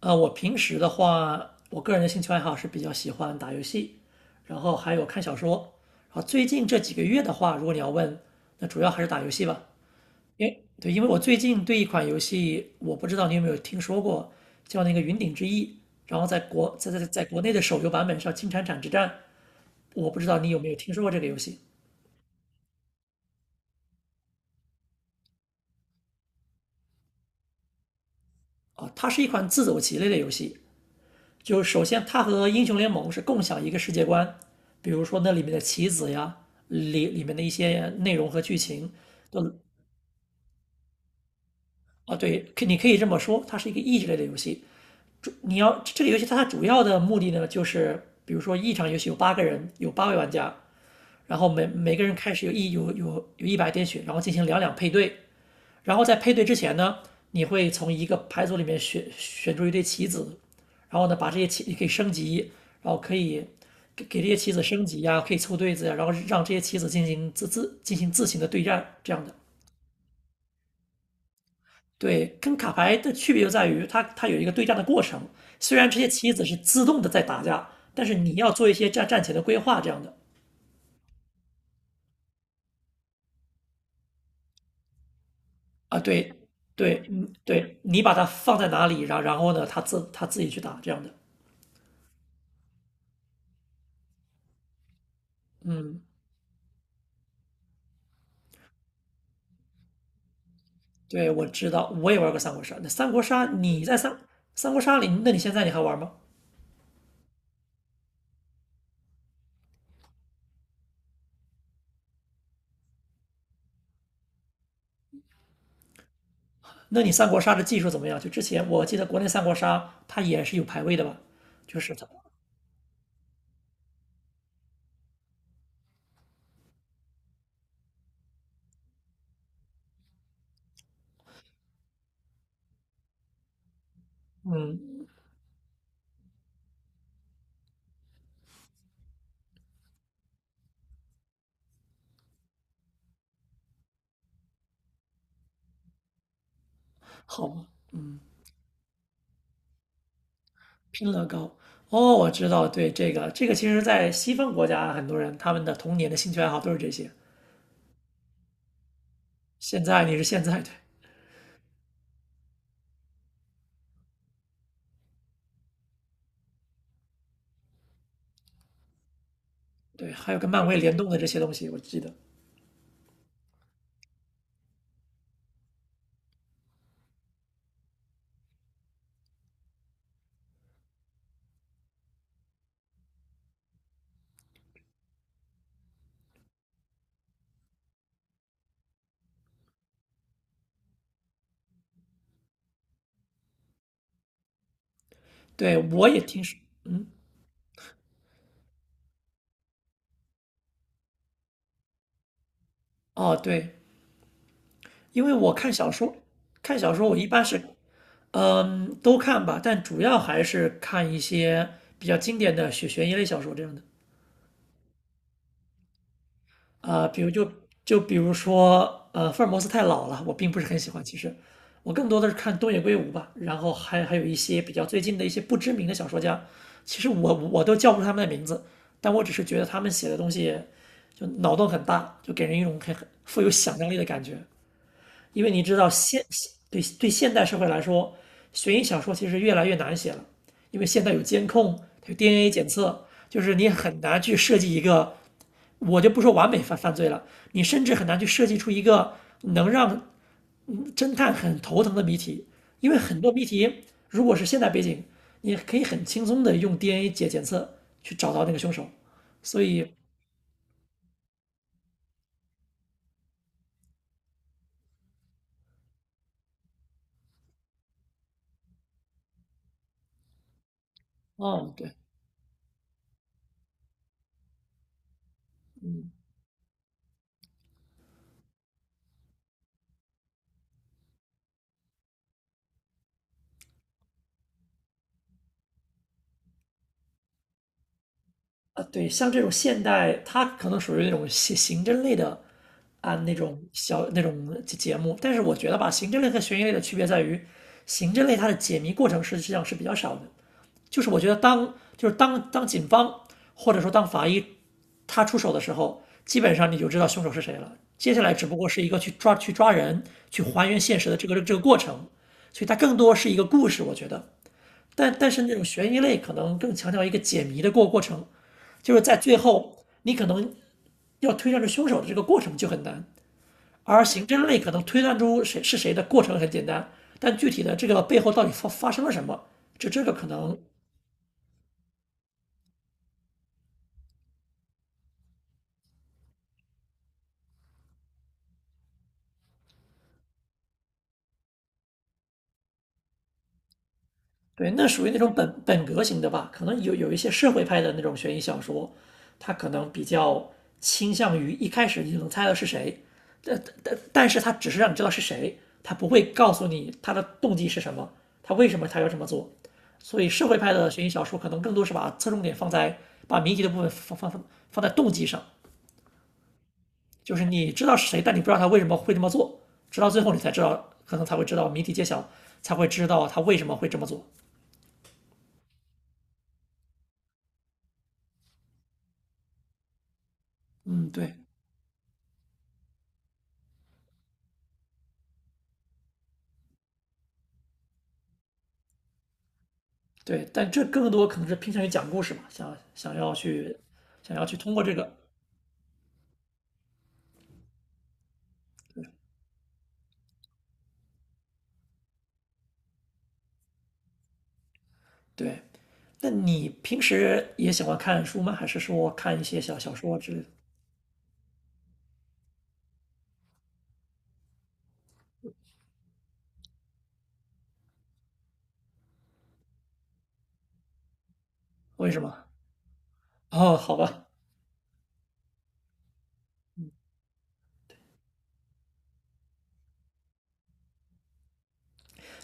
我平时的话，我个人的兴趣爱好是比较喜欢打游戏，然后还有看小说。然后最近这几个月的话，如果你要问，那主要还是打游戏吧。因为对，因为我最近对一款游戏，我不知道你有没有听说过，叫那个《云顶之弈》，然后在国内的手游版本上，《金铲铲之战》，我不知道你有没有听说过这个游戏啊？它是一款自走棋类的游戏，就首先它和英雄联盟是共享一个世界观，比如说那里面的棋子呀，里面的一些内容和剧情都啊，对，可你可以这么说，它是一个益智类的游戏。主你要这个游戏它主要的目的呢，就是比如说一场游戏有八个人，有八位玩家，然后每个人开始有一百点血，然后进行两两配对，然后在配对之前呢，你会从一个牌组里面选出一对棋子，然后呢，把这些棋你可以升级，然后可以给这些棋子升级呀、可以凑对子呀、然后让这些棋子进行自行的对战，这样的。对，跟卡牌的区别就在于它有一个对战的过程，虽然这些棋子是自动的在打架，但是你要做一些战前的规划这样的啊，对对，嗯，对你把它放在哪里，然后呢，它自己去打这样的，嗯。对，我知道，我也玩过三国杀。那三国杀，你在三国杀里，那你现在你还玩吗？那你三国杀的技术怎么样？就之前我记得国内三国杀它也是有排位的吧？就是它，嗯，好吧，拼乐高。哦，我知道，对这个，其实，在西方国家，很多人他们的童年的兴趣爱好都是这些。现在你是现在，对对，还有跟漫威联动的这些东西，我记得。对，我也听说，嗯，哦，对，因为我看小说，看小说我一般是嗯，都看吧，但主要还是看一些比较经典的悬疑类小说这样的啊、比如说福尔摩斯太老了，我并不是很喜欢。其实我更多的是看东野圭吾吧，然后还有一些比较最近的一些不知名的小说家，其实我都叫不出他们的名字，但我只是觉得他们写的东西就脑洞很大，就给人一种很富有想象力的感觉。因为你知道对现代社会来说，悬疑小说其实越来越难写了，因为现在有监控，它有 DNA 检测，就是你很难去设计一个，我就不说完美犯罪了，你甚至很难去设计出一个能让侦探很头疼的谜题，因为很多谜题如果是现代背景，你可以很轻松的用 DNA 检测去找到那个凶手，所以，哦，对。啊，对，像这种现代，它可能属于那种刑侦类的啊那种小那种节目，但是我觉得吧，刑侦类和悬疑类的区别在于，刑侦类它的解谜过程实际上是比较少的，就是我觉得当就是当当警方或者说当法医他出手的时候，基本上你就知道凶手是谁了，接下来只不过是一个去抓人去还原现实的这个过程，所以它更多是一个故事，我觉得。但但是那种悬疑类可能更强调一个解谜的过程，就是在最后你可能要推断出凶手的这个过程就很难，而刑侦类可能推断出谁是谁的过程很简单，但具体的这个背后到底发生了什么，就这个可能对，那属于那种本格型的吧，可能有一些社会派的那种悬疑小说，它可能比较倾向于一开始你就能猜到是谁，但是它只是让你知道是谁，它不会告诉你他的动机是什么，他为什么他要这么做。所以社会派的悬疑小说可能更多是把侧重点放在把谜题的部分放在动机上，就是你知道是谁，但你不知道他为什么会这么做，直到最后你才知道，可能才会知道谜题揭晓，才会知道他为什么会这么做。嗯，对。对，但这更多可能是偏向于讲故事嘛，想要去想要去通过这个，对。那你平时也喜欢看书吗？还是说看一些小说之类的？为什么？哦，好吧，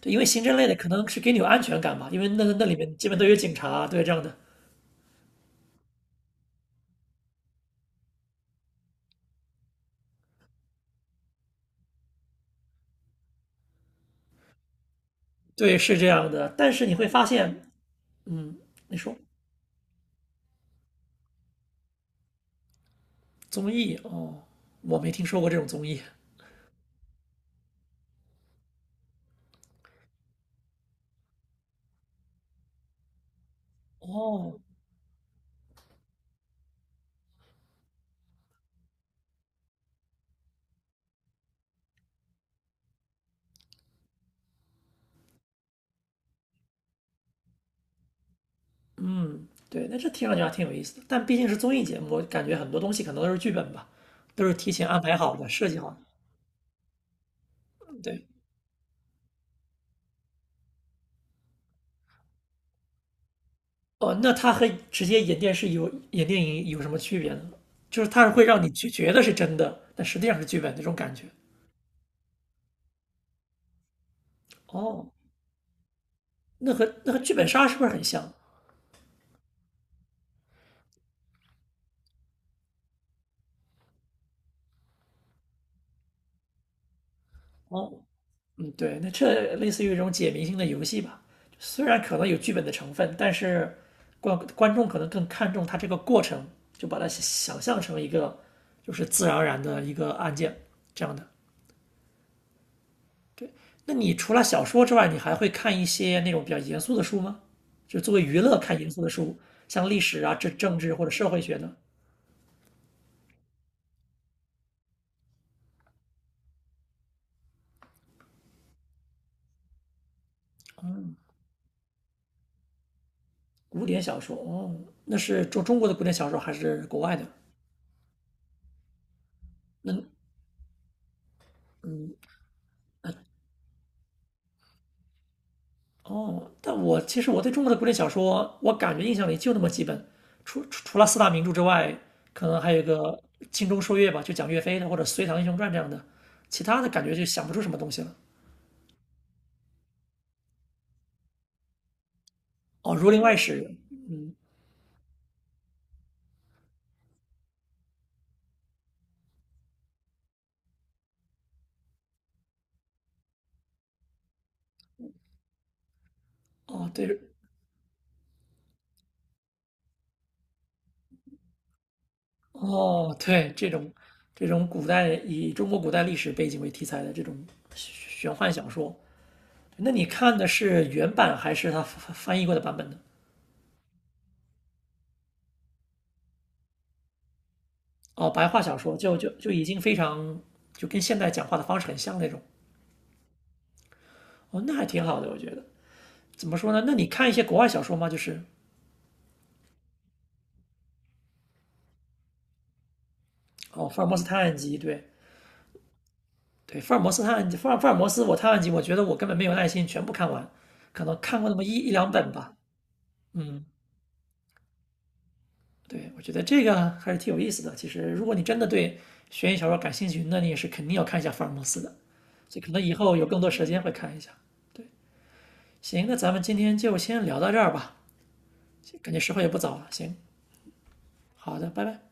对，因为刑侦类的可能是给你有安全感吧，因为那里面基本都有警察，对这样的，对，是这样的。但是你会发现，嗯，你说综艺哦，我没听说过这种综艺哦。嗯，对，那这听上去还挺有意思的，但毕竟是综艺节目，我感觉很多东西可能都是剧本吧，都是提前安排好的、设计好的。对，哦，那它和直接演电视有演电影有什么区别呢？就是它是会让你觉得是真的，但实际上是剧本那种感觉。哦，那和那和剧本杀是不是很像？哦，嗯，对，那这类似于一种解谜性的游戏吧，虽然可能有剧本的成分，但是观众可能更看重它这个过程，就把它想象成一个就是自然而然的一个案件这样的。那你除了小说之外，你还会看一些那种比较严肃的书吗？就作为娱乐看严肃的书，像历史啊、政治或者社会学的古典小说。哦，那是中国的古典小说还是国外的？那嗯，哦，但我其实我对中国的古典小说，我感觉印象里就那么几本，除了四大名著之外，可能还有一个《精忠说岳》吧，就讲岳飞的，或者《隋唐英雄传》这样的，其他的感觉就想不出什么东西了。哦，《儒林外史》，哦，对，哦，对，这种古代以中国古代历史背景为题材的这种玄幻小说，那你看的是原版还是他翻译过的版本呢？哦，白话小说就已经非常就跟现代讲话的方式很像那种。哦，那还挺好的，我觉得。怎么说呢？那你看一些国外小说吗？就是哦，福尔摩斯探案集，对对，福尔摩斯探案集，福尔摩斯我探案集，我觉得我根本没有耐心全部看完，可能看过那么一两本吧。对，我觉得这个还是挺有意思的。其实，如果你真的对悬疑小说感兴趣，那你也是肯定要看一下福尔摩斯的。所以，可能以后有更多时间会看一下。行，那咱们今天就先聊到这儿吧，感觉时候也不早了。行，好的，拜拜。